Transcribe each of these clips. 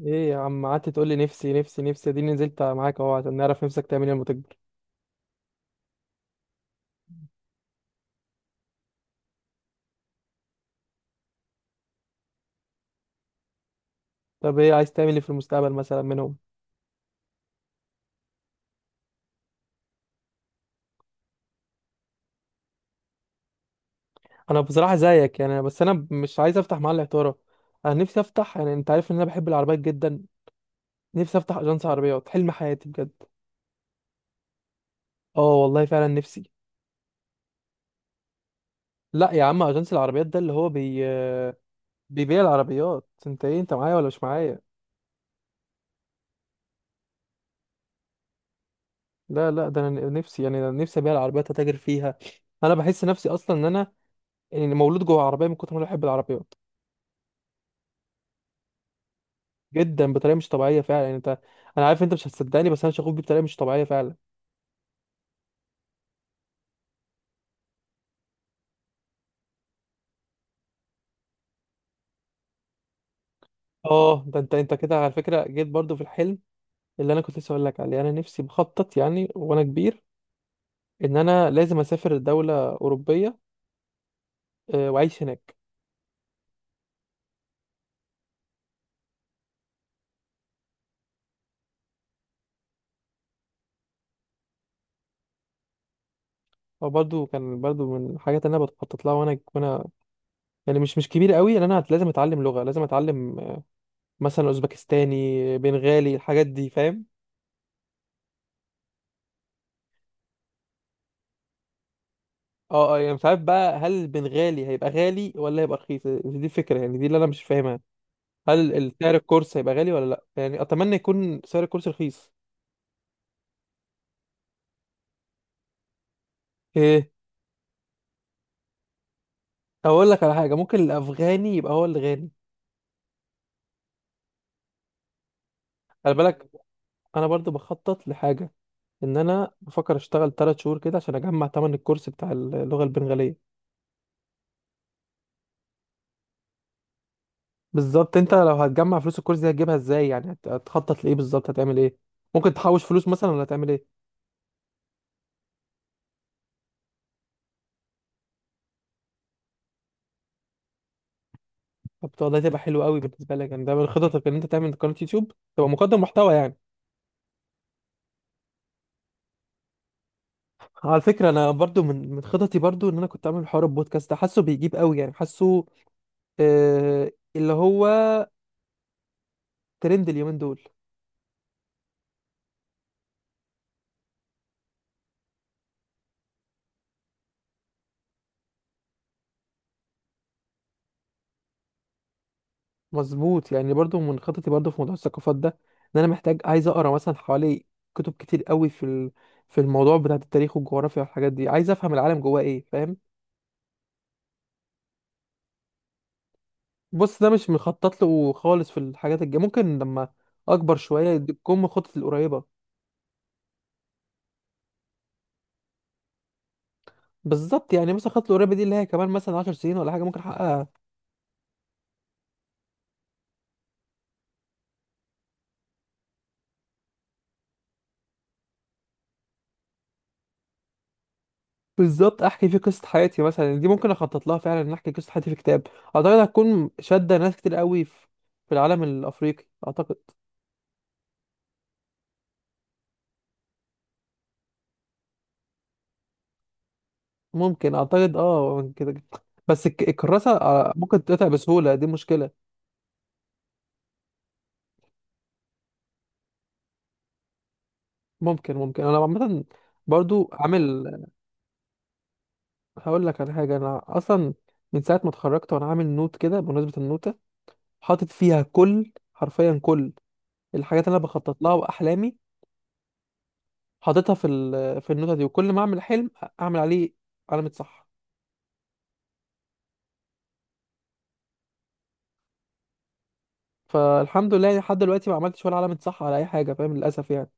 ايه يا عم؟ قعدت تقول لي نفسي، نفسي، نفسي. دي نزلت معاك اهو عشان نعرف نفسك تعمل ايه لما تكبر. طب ايه عايز تعمل ايه في المستقبل مثلا منهم؟ انا بصراحه زيك يعني، بس انا مش عايز افتح محل عطاره. انا نفسي افتح، يعني انت عارف ان انا بحب العربيات جدا. نفسي افتح اجنس عربيات، حلم حياتي بجد. اه والله فعلا نفسي. لا يا عم، اجنس العربيات ده اللي هو بيبيع العربيات. انت ايه؟ انت معايا ولا مش معايا؟ لا لا، ده انا نفسي، يعني أنا نفسي ابيع العربيات، اتاجر فيها. انا بحس نفسي اصلا ان انا يعني مولود جوه عربيه من كتر ما انا بحب العربيات. جدا، بطريقه مش طبيعيه فعلا، يعني انت، انا عارف انت مش هتصدقني، بس انا شغوف بيه بطريقه مش طبيعيه فعلا. اه، ده انت كده على فكره جيت برضو في الحلم اللي انا كنت لسه اقول لك عليه. انا نفسي بخطط يعني وانا كبير ان انا لازم اسافر دوله اوروبيه، واعيش هناك. او برضو كان برضو من الحاجات اللي انا بخطط لها وانا يعني مش كبير قوي، ان انا لازم اتعلم لغه، لازم اتعلم، مثلا اوزبكستاني، بنغالي، الحاجات دي فاهم. اه اه، يعني مش عارف بقى هل البنغالي هيبقى غالي ولا هيبقى رخيص. دي الفكره يعني دي اللي انا مش فاهمها. هل سعر الكورس هيبقى غالي ولا لا؟ يعني اتمنى يكون سعر الكورس رخيص. ايه، اقول لك على حاجه، ممكن الافغاني يبقى هو اللي غني. خلي بالك، انا برضو بخطط لحاجه، ان انا بفكر اشتغل 3 شهور كده عشان اجمع تمن الكورس بتاع اللغه البنغاليه. بالظبط، انت لو هتجمع فلوس الكورس دي هتجيبها ازاي؟ يعني هتخطط لايه بالظبط؟ هتعمل ايه؟ ممكن تحوش فلوس مثلا ولا هتعمل ايه؟ طب ده تبقى حلو قوي بالنسبه لك، يعني ده من خططك ان انت تعمل قناه يوتيوب، تبقى مقدم محتوى يعني. على فكرة، أنا برضو من خططي برضو إن أنا كنت أعمل حوار البودكاست ده، حاسه بيجيب قوي يعني، حاسه اللي هو ترند اليومين دول. مظبوط، يعني برضو من خططي برضو في موضوع الثقافات ده، إن أنا محتاج عايز أقرأ مثلا حوالي كتب كتير قوي في في الموضوع بتاع التاريخ والجغرافيا والحاجات دي. عايز أفهم العالم جواه إيه فاهم. بص، ده مش مخطط له خالص في الحاجات الجاية، ممكن لما أكبر شوية دي تكون من خططي القريبة. بالظبط، يعني مثلا خططي القريبة دي اللي هي كمان مثلا 10 سنين ولا حاجة ممكن أحققها. بالظبط، احكي فيه قصه حياتي مثلا، دي ممكن اخطط لها فعلا، ان احكي قصه حياتي في كتاب. اعتقد هتكون شاده ناس كتير قوي في العالم الافريقي اعتقد. ممكن، اعتقد، اه كده كده. بس الكراسه ممكن تتقطع بسهوله، دي مشكله. ممكن، انا عامه برضو عامل. هقول لك على حاجه، انا اصلا من ساعه ما اتخرجت وانا عامل نوت كده. بمناسبه النوته، حاطط فيها كل، حرفيا كل الحاجات اللي انا بخطط لها واحلامي. حاططها في في النوته دي، وكل ما اعمل حلم اعمل عليه علامه صح. فالحمد لله يعني، لحد دلوقتي ما عملتش ولا علامة صح على اي حاجة فاهم، للاسف يعني.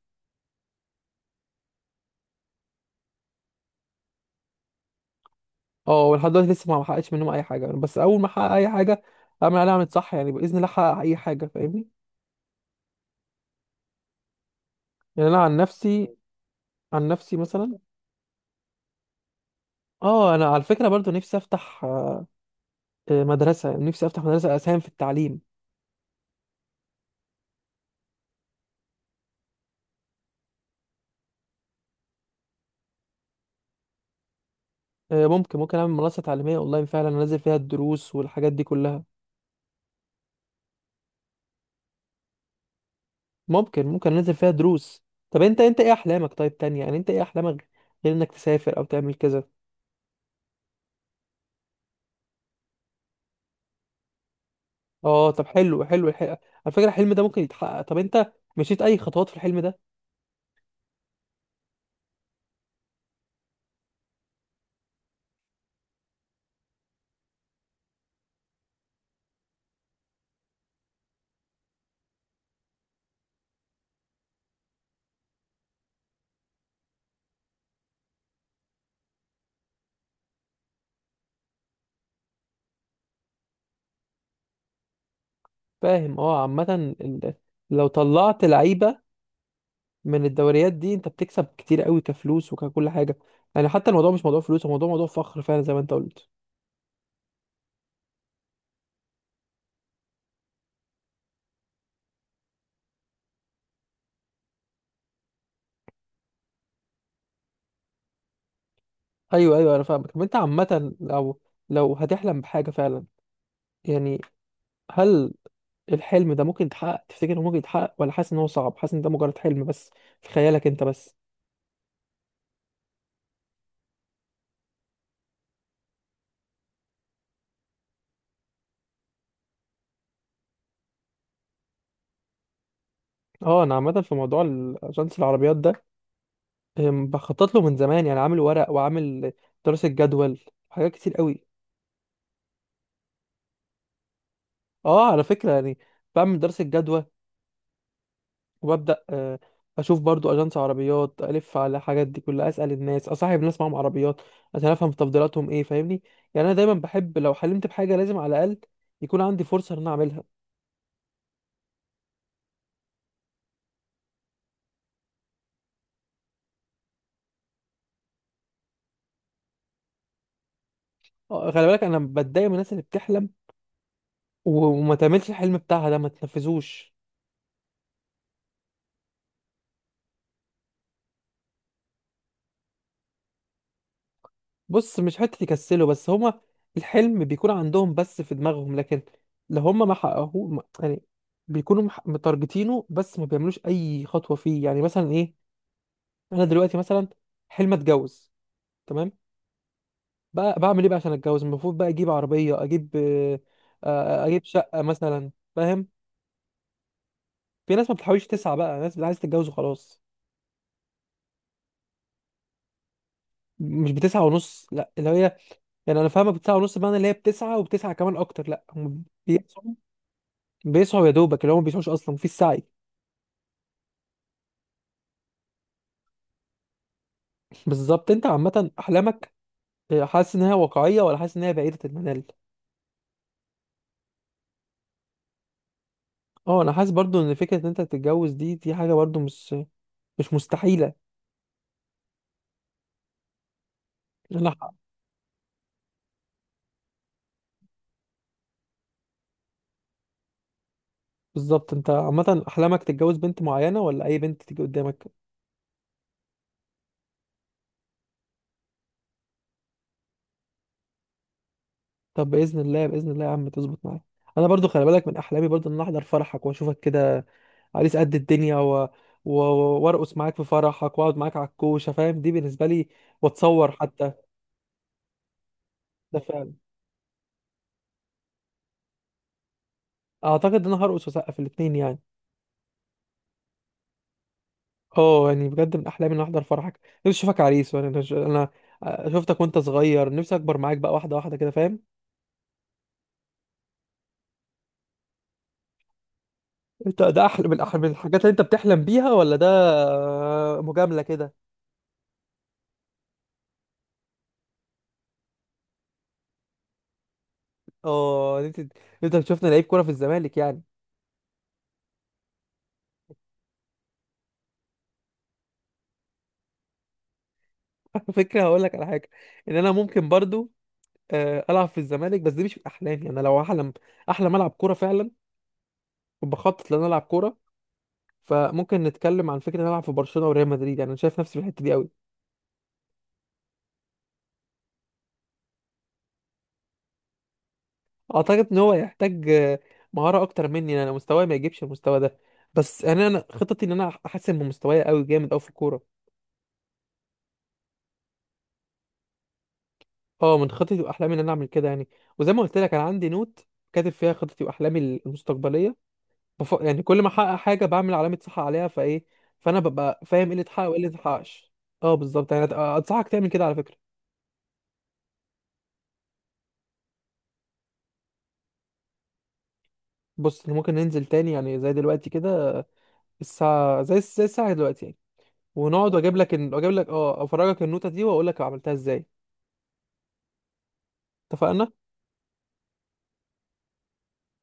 اه، ولحد دلوقتي لسه ما حققتش منهم اي حاجة، بس اول ما احقق اي حاجة اعمل عليها علامة صح، يعني باذن الله احقق اي حاجة فاهمني. يعني انا عن نفسي، عن نفسي مثلا، اه، انا على فكرة برضو نفسي افتح، مدرسة. نفسي افتح مدرسة، اساهم في التعليم. ممكن اعمل منصة تعليمية اونلاين فعلا، انزل فيها الدروس والحاجات دي كلها. ممكن انزل فيها دروس. طب انت ايه احلامك؟ طيب تانية، يعني انت ايه احلامك غير انك تسافر او تعمل كذا؟ اه، طب حلو حلو على فكرة الحلم ده ممكن يتحقق. طب انت مشيت اي خطوات في الحلم ده؟ فاهم. اه، عامة لو طلعت لعيبة من الدوريات دي انت بتكسب كتير قوي، كفلوس وككل حاجة. يعني حتى الموضوع مش موضوع فلوس، الموضوع موضوع فخر فعلا، زي ما انت قلت. ايوه، ايوه، انا فاهمك. طب انت عامة لو هتحلم بحاجة فعلا يعني، هل الحلم ده ممكن يتحقق؟ تفتكر انه ممكن يتحقق ولا حاسس ان هو صعب؟ حاسس ان ده مجرد حلم بس في خيالك انت بس؟ اه، انا عامة في موضوع الاجنس العربيات ده، بخطط له من زمان يعني. عامل ورق وعامل دراسة جدول، حاجات كتير قوي. اه على فكرة يعني، بعمل دراسة جدوى، وببدأ اشوف برضو اجانس عربيات، الف على الحاجات دي كلها، اسأل الناس، اصاحب ناس معاهم عربيات عشان افهم تفضيلاتهم ايه فاهمني. يعني انا دايما بحب لو حلمت بحاجة لازم على الاقل يكون عندي فرصة ان انا اعملها. خلي بالك، انا بتضايق من الناس اللي بتحلم وما تعملش الحلم بتاعها ده، ما تنفذوش. بص، مش حتة يكسلوا بس، هما الحلم بيكون عندهم بس في دماغهم، لكن لو هما ما حققوه يعني بيكونوا متارجتينه، بس ما بيعملوش أي خطوة فيه. يعني مثلا إيه، أنا دلوقتي مثلا حلم أتجوز، تمام. بقى بعمل إيه بقى عشان أتجوز؟ المفروض بقى أجيب عربية، أجيب آه، آه، أجيب شقة مثلا. فاهم؟ في ناس ما بتحاولش تسعى، بقى ناس عايز تتجوز وخلاص. مش بتسعى ونص، لا اللي هي، يعني انا فاهمه بتسعى ونص بمعنى اللي هي بتسعى وبتسعى كمان اكتر، لا هم بيسعوا يا دوبك، اللي هم ما بيسعوش اصلا في السعي. بالظبط، انت عامه احلامك، حاسس ان هي واقعيه ولا حاسس ان هي بعيده المنال؟ اه، انا حاسس برضو ان فكره ان انت تتجوز دي حاجه برضو مش مستحيله. انا ح- بالظبط، انت عامه احلامك تتجوز بنت معينه ولا اي بنت تيجي قدامك؟ طب باذن الله، باذن الله يا عم تظبط معايا. انا برضو خلي بالك، من احلامي برضو ان انا احضر فرحك، واشوفك كده عريس قد الدنيا، و... وارقص معاك في فرحك، واقعد معاك على الكوشه فاهم، دي بالنسبه لي، واتصور حتى. ده اعتقد ان انا هرقص واسقف الاثنين يعني. اه، يعني بجد من احلامي ان أنا احضر فرحك، نفسي اشوفك عريس، وانا انا أنا شفتك وانت صغير، نفسي اكبر معاك بقى واحده واحده كده فاهم. انت ده احلى، من احلى من الحاجات اللي انت بتحلم بيها، ولا ده مجامله كده؟ اه، إن انت، إن انت شفنا لعيب كوره في الزمالك يعني. على فكره، هقول لك على حاجه ان انا ممكن برضو العب في الزمالك، بس دي مش من احلامي. انا لو احلم، احلم العب كوره فعلا، وبخطط ان انا العب كوره. فممكن نتكلم عن فكره ان انا العب في برشلونه وريال مدريد، يعني انا شايف نفسي في الحته دي قوي. اعتقد ان هو يحتاج مهاره اكتر مني، انا مستواي ما يجيبش المستوى ده. بس انا خطتي ان انا احسن من مستواي قوي جامد قوي في الكوره. اه، من خطتي واحلامي ان انا اعمل كده يعني. وزي ما قلت لك، انا عندي نوت كاتب فيها خطتي واحلامي المستقبليه. يعني كل ما احقق حاجه بعمل علامه صح عليها، فايه فانا ببقى فاهم ايه اللي اتحقق وايه اللي متحققش. اه بالظبط يعني، انصحك تعمل كده على فكره. بص إحنا ممكن ننزل تاني يعني، زي دلوقتي كده. الساعه زي الساعه دلوقتي يعني. ونقعد، واجيب لك افرجك النوتة دي واقول لك عملتها ازاي. اتفقنا.